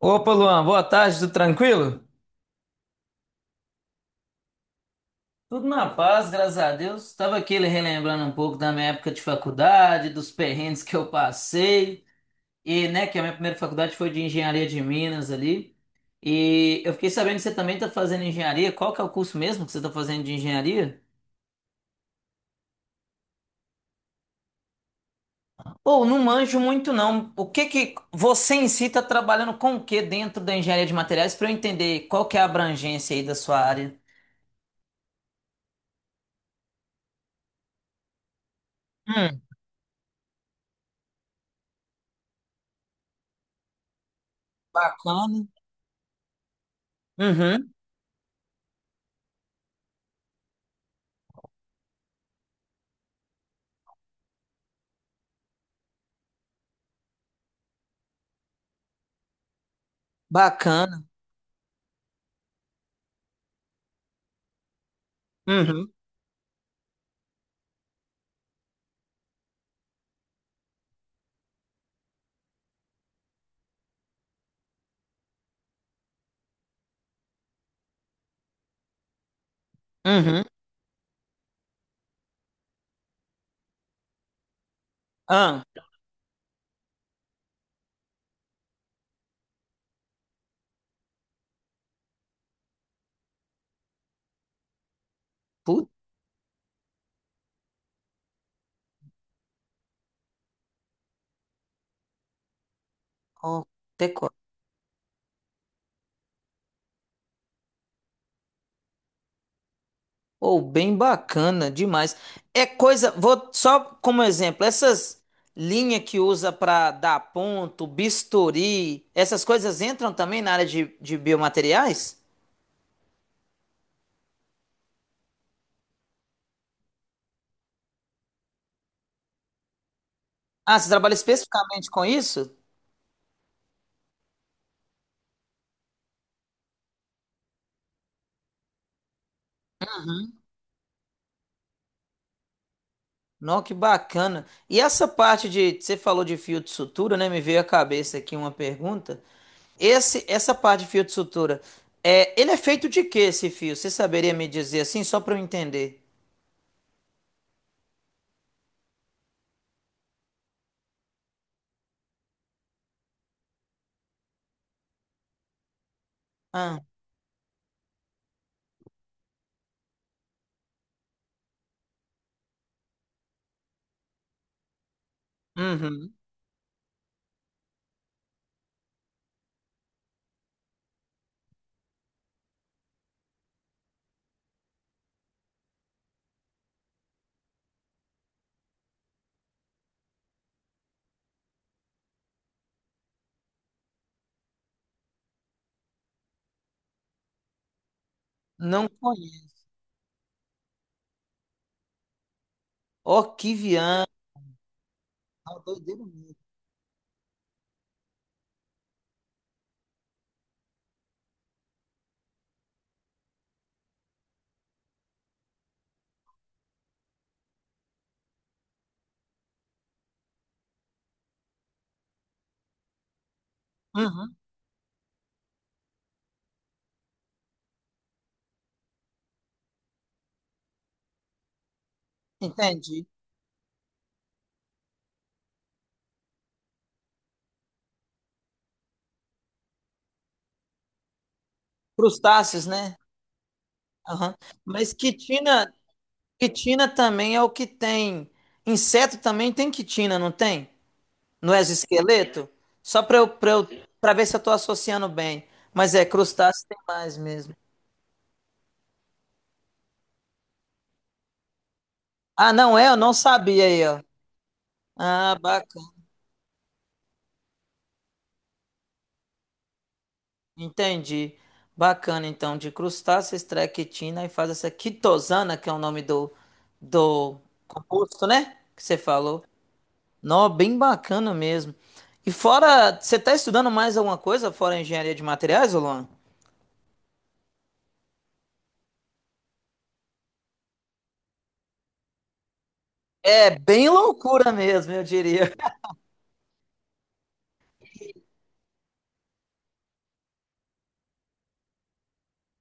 Opa, Luan, boa tarde, tudo tranquilo? Tudo na paz, graças a Deus. Estava aqui relembrando um pouco da minha época de faculdade, dos perrengues que eu passei, e né, que a minha primeira faculdade foi de engenharia de Minas ali. E eu fiquei sabendo que você também está fazendo engenharia. Qual que é o curso mesmo que você está fazendo de engenharia? Ou não manjo muito não. O que que você em si está trabalhando com o que dentro da engenharia de materiais para eu entender qual que é a abrangência aí da sua área? Hum, bacana. Uhum, bacana. Uhum. Uhum. Ah, puta, ó, pecó. Ou bem bacana demais. É coisa, vou só como exemplo, essas linhas que usa para dar ponto, bisturi, essas coisas entram também na área de biomateriais? Ah, você trabalha especificamente com isso? Não, que bacana. E essa parte de, você falou de fio de sutura, né? Me veio à cabeça aqui uma pergunta. Esse, essa parte de fio de sutura, ele é feito de que esse fio? Você saberia me dizer assim, só para eu entender? Ah, uhum. Não conheço. Orquiviã. Ah, doideira mesmo. Uhum. Entendi. Crustáceos, né? Aham. Mas quitina, quitina também é o que tem. Inseto também tem quitina, não tem? No exoesqueleto? Só para ver se eu tô associando bem. Mas crustáceo tem mais mesmo. Ah, não é? Eu não sabia aí, ó. Ah, entendi. Bacana, então, de crustáceos, extrai quitina e faz essa quitosana, que é o nome do composto, né? Que você falou. Nó, bem bacana mesmo. E fora, você tá estudando mais alguma coisa fora engenharia de materiais, ô Luan? É bem loucura mesmo, eu diria.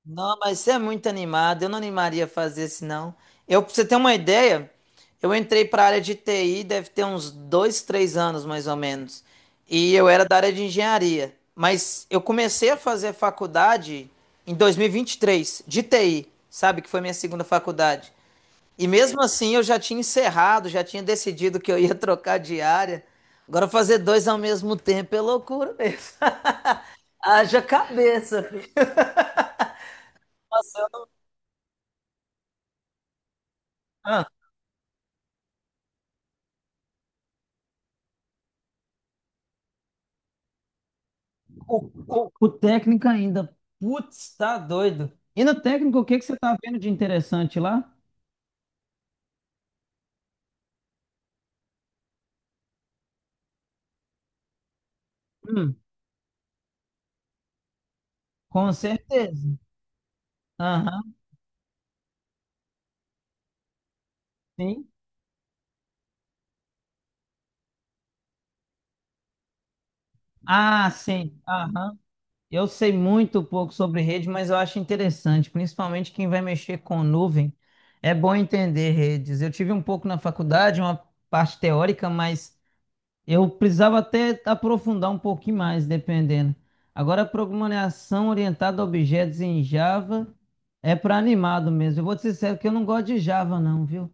Não, mas você é muito animado. Eu não animaria a fazer isso, não. Eu, pra você ter uma ideia, eu entrei para a área de TI, deve ter uns 2, 3 anos, mais ou menos. E eu era da área de engenharia. Mas eu comecei a fazer faculdade em 2023, de TI, sabe? Que foi minha segunda faculdade. E mesmo assim, eu já tinha encerrado, já tinha decidido que eu ia trocar de área. Agora, fazer dois ao mesmo tempo é loucura mesmo. Haja cabeça, filho. Nossa, eu- o técnico ainda. Putz, tá doido. E no técnico, o que que você tá vendo de interessante lá? Hum, com certeza. Aham, sim. Ah, sim. Aham. Eu sei muito pouco sobre rede, mas eu acho interessante, principalmente quem vai mexer com nuvem. É bom entender redes. Eu tive um pouco na faculdade, uma parte teórica, mas eu precisava até aprofundar um pouquinho mais, dependendo. Agora, programação orientada a objetos em Java é para animado mesmo. Eu vou te ser sincero que eu não gosto de Java, não, viu?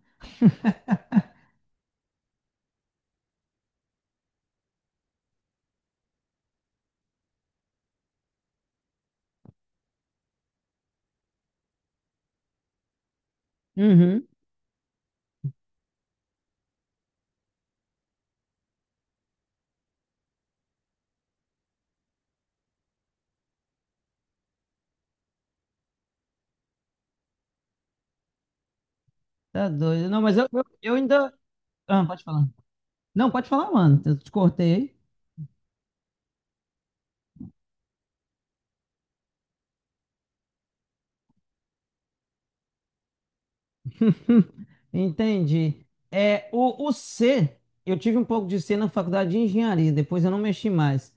Uhum. Tá doido. Não, mas eu, eu ainda. Ah, pode falar. Não, pode falar, mano. Eu te cortei aí. Entendi. O C, eu tive um pouco de C na faculdade de engenharia, depois eu não mexi mais.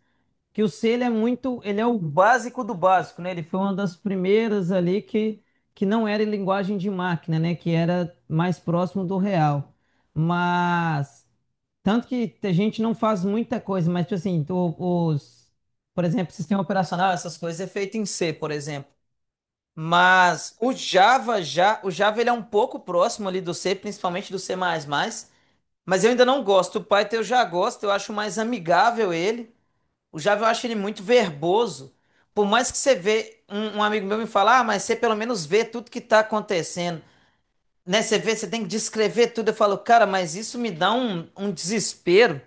Que o C ele é muito, ele é o básico do básico, né? Ele foi uma das primeiras ali que não era em linguagem de máquina, né? Que era mais próximo do real. Mas tanto que a gente não faz muita coisa, mas tipo assim, os, por exemplo, sistema operacional, essas coisas é feito em C, por exemplo. Mas o Java já, o Java ele é um pouco próximo ali do C, principalmente do C++, mas eu ainda não gosto. O Python eu já gosto, eu acho mais amigável ele. O Java eu acho ele muito verboso. Por mais que você vê, um amigo meu me fala, ah, mas você pelo menos vê tudo que está acontecendo. Né? Você vê, você tem que descrever tudo. Eu falo, cara, mas isso me dá um desespero.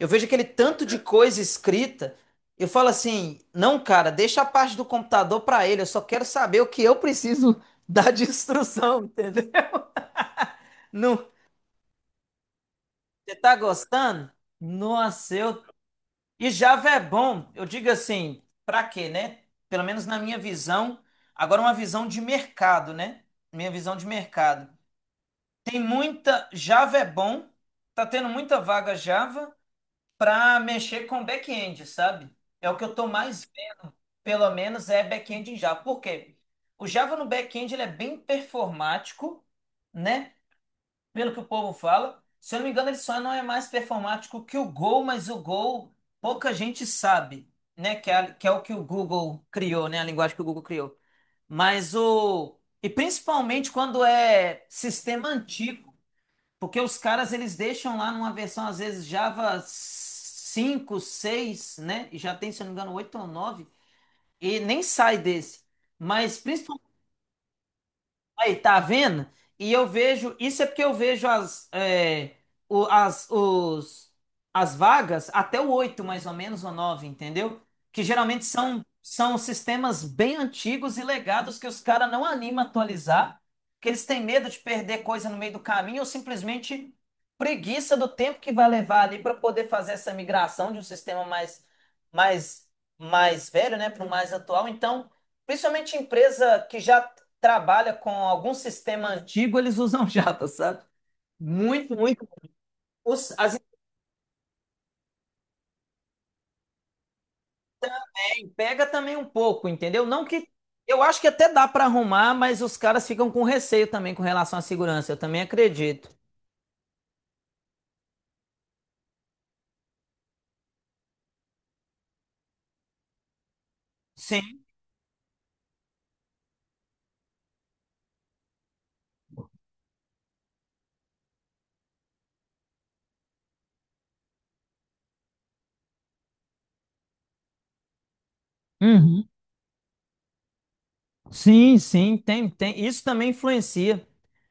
Eu vejo aquele tanto de coisa escrita. Eu falo assim, não, cara, deixa a parte do computador para ele. Eu só quero saber o que eu preciso dar de instrução, entendeu? Não, você tá gostando? Nossa, eu E Java é bom, eu digo assim, pra quê, né? Pelo menos na minha visão, agora uma visão de mercado, né? Minha visão de mercado. Java é bom, tá tendo muita vaga Java pra mexer com back-end, sabe? É o que eu tô mais vendo, pelo menos é back-end em Java. Por quê? O Java no back-end ele é bem performático, né? Pelo que o povo fala. Se eu não me engano, ele só não é mais performático que o Gol, mas o Gol pouca gente sabe, né? Que é o que o Google criou, né? A linguagem que o Google criou. Mas o. E principalmente quando é sistema antigo, porque os caras eles deixam lá numa versão, às vezes, Java 5, 6, né? E já tem, se eu não me engano, 8 ou 9 e nem sai desse. Mas aí, tá vendo? E eu vejo, isso é porque eu vejo as, é, o- as, os, as vagas até o 8 mais ou menos, ou 9, entendeu? Que geralmente são sistemas bem antigos e legados que os caras não animam a atualizar, que eles têm medo de perder coisa no meio do caminho ou simplesmente preguiça do tempo que vai levar ali para poder fazer essa migração de um sistema mais, mais, velho, né, para o mais atual. Então, principalmente empresa que já trabalha com algum sistema antigo, eles usam Java, sabe? Muito, muito. Os, as assim, pega também um pouco, entendeu? Não que eu acho que até dá para arrumar, mas os caras ficam com receio também com relação à segurança. Eu também acredito. Sim. Uhum. Sim, sim, tem, tem. Isso também influencia.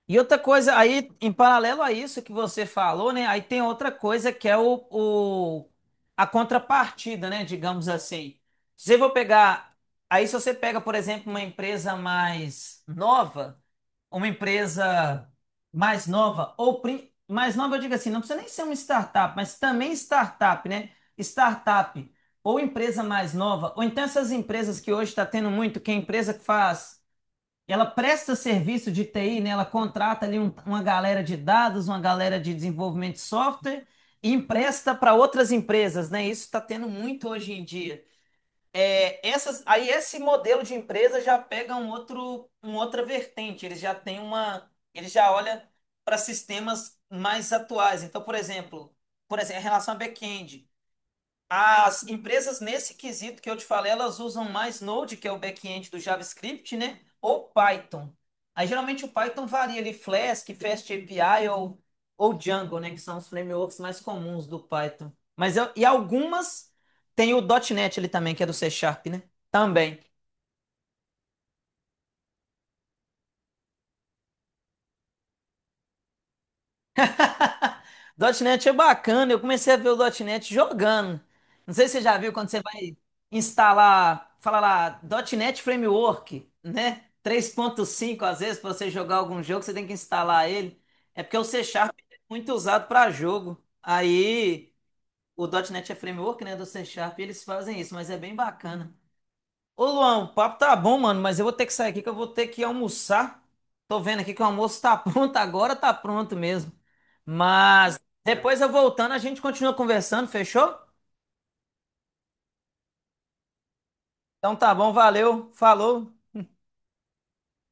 E outra coisa, aí, em paralelo a isso que você falou, né? Aí tem outra coisa que é a contrapartida, né? Digamos assim. Se eu vou pegar. Aí, se você pega, por exemplo, uma empresa mais nova, ou mais nova, eu digo assim, não precisa nem ser uma startup, mas também startup, né? Startup ou empresa mais nova, ou então essas empresas que hoje está tendo muito, que é a empresa que faz, ela presta serviço de TI, né? Ela contrata ali uma galera de dados, uma galera de desenvolvimento de software e empresta para outras empresas, né? Isso está tendo muito hoje em dia. Aí esse modelo de empresa já pega um outro, uma outra vertente. Ele já olha para sistemas mais atuais. Então, por exemplo, em relação a back-end, as empresas nesse quesito que eu te falei, elas usam mais Node, que é o back-end do JavaScript, né? Ou Python. Aí geralmente o Python varia ali, Flask, FastAPI ou Django, né? Que são os frameworks mais comuns do Python. E algumas tem o .NET ali também, que é do C Sharp, né? Também. .ponto .NET é bacana, eu comecei a ver o .ponto .NET jogando. Não sei se você já viu quando você vai instalar, fala lá, .ponto .NET Framework, né? 3.5, às vezes, para você jogar algum jogo, você tem que instalar ele. É porque o C Sharp é muito usado para jogo. Aí, o .ponto .NET é framework, né, do C Sharp, e eles fazem isso, mas é bem bacana. Ô Luan, o papo tá bom, mano, mas eu vou ter que sair aqui que eu vou ter que almoçar. Tô vendo aqui que o almoço tá pronto, agora tá pronto mesmo. Mas depois eu voltando, a gente continua conversando, fechou? Então tá bom, valeu, falou.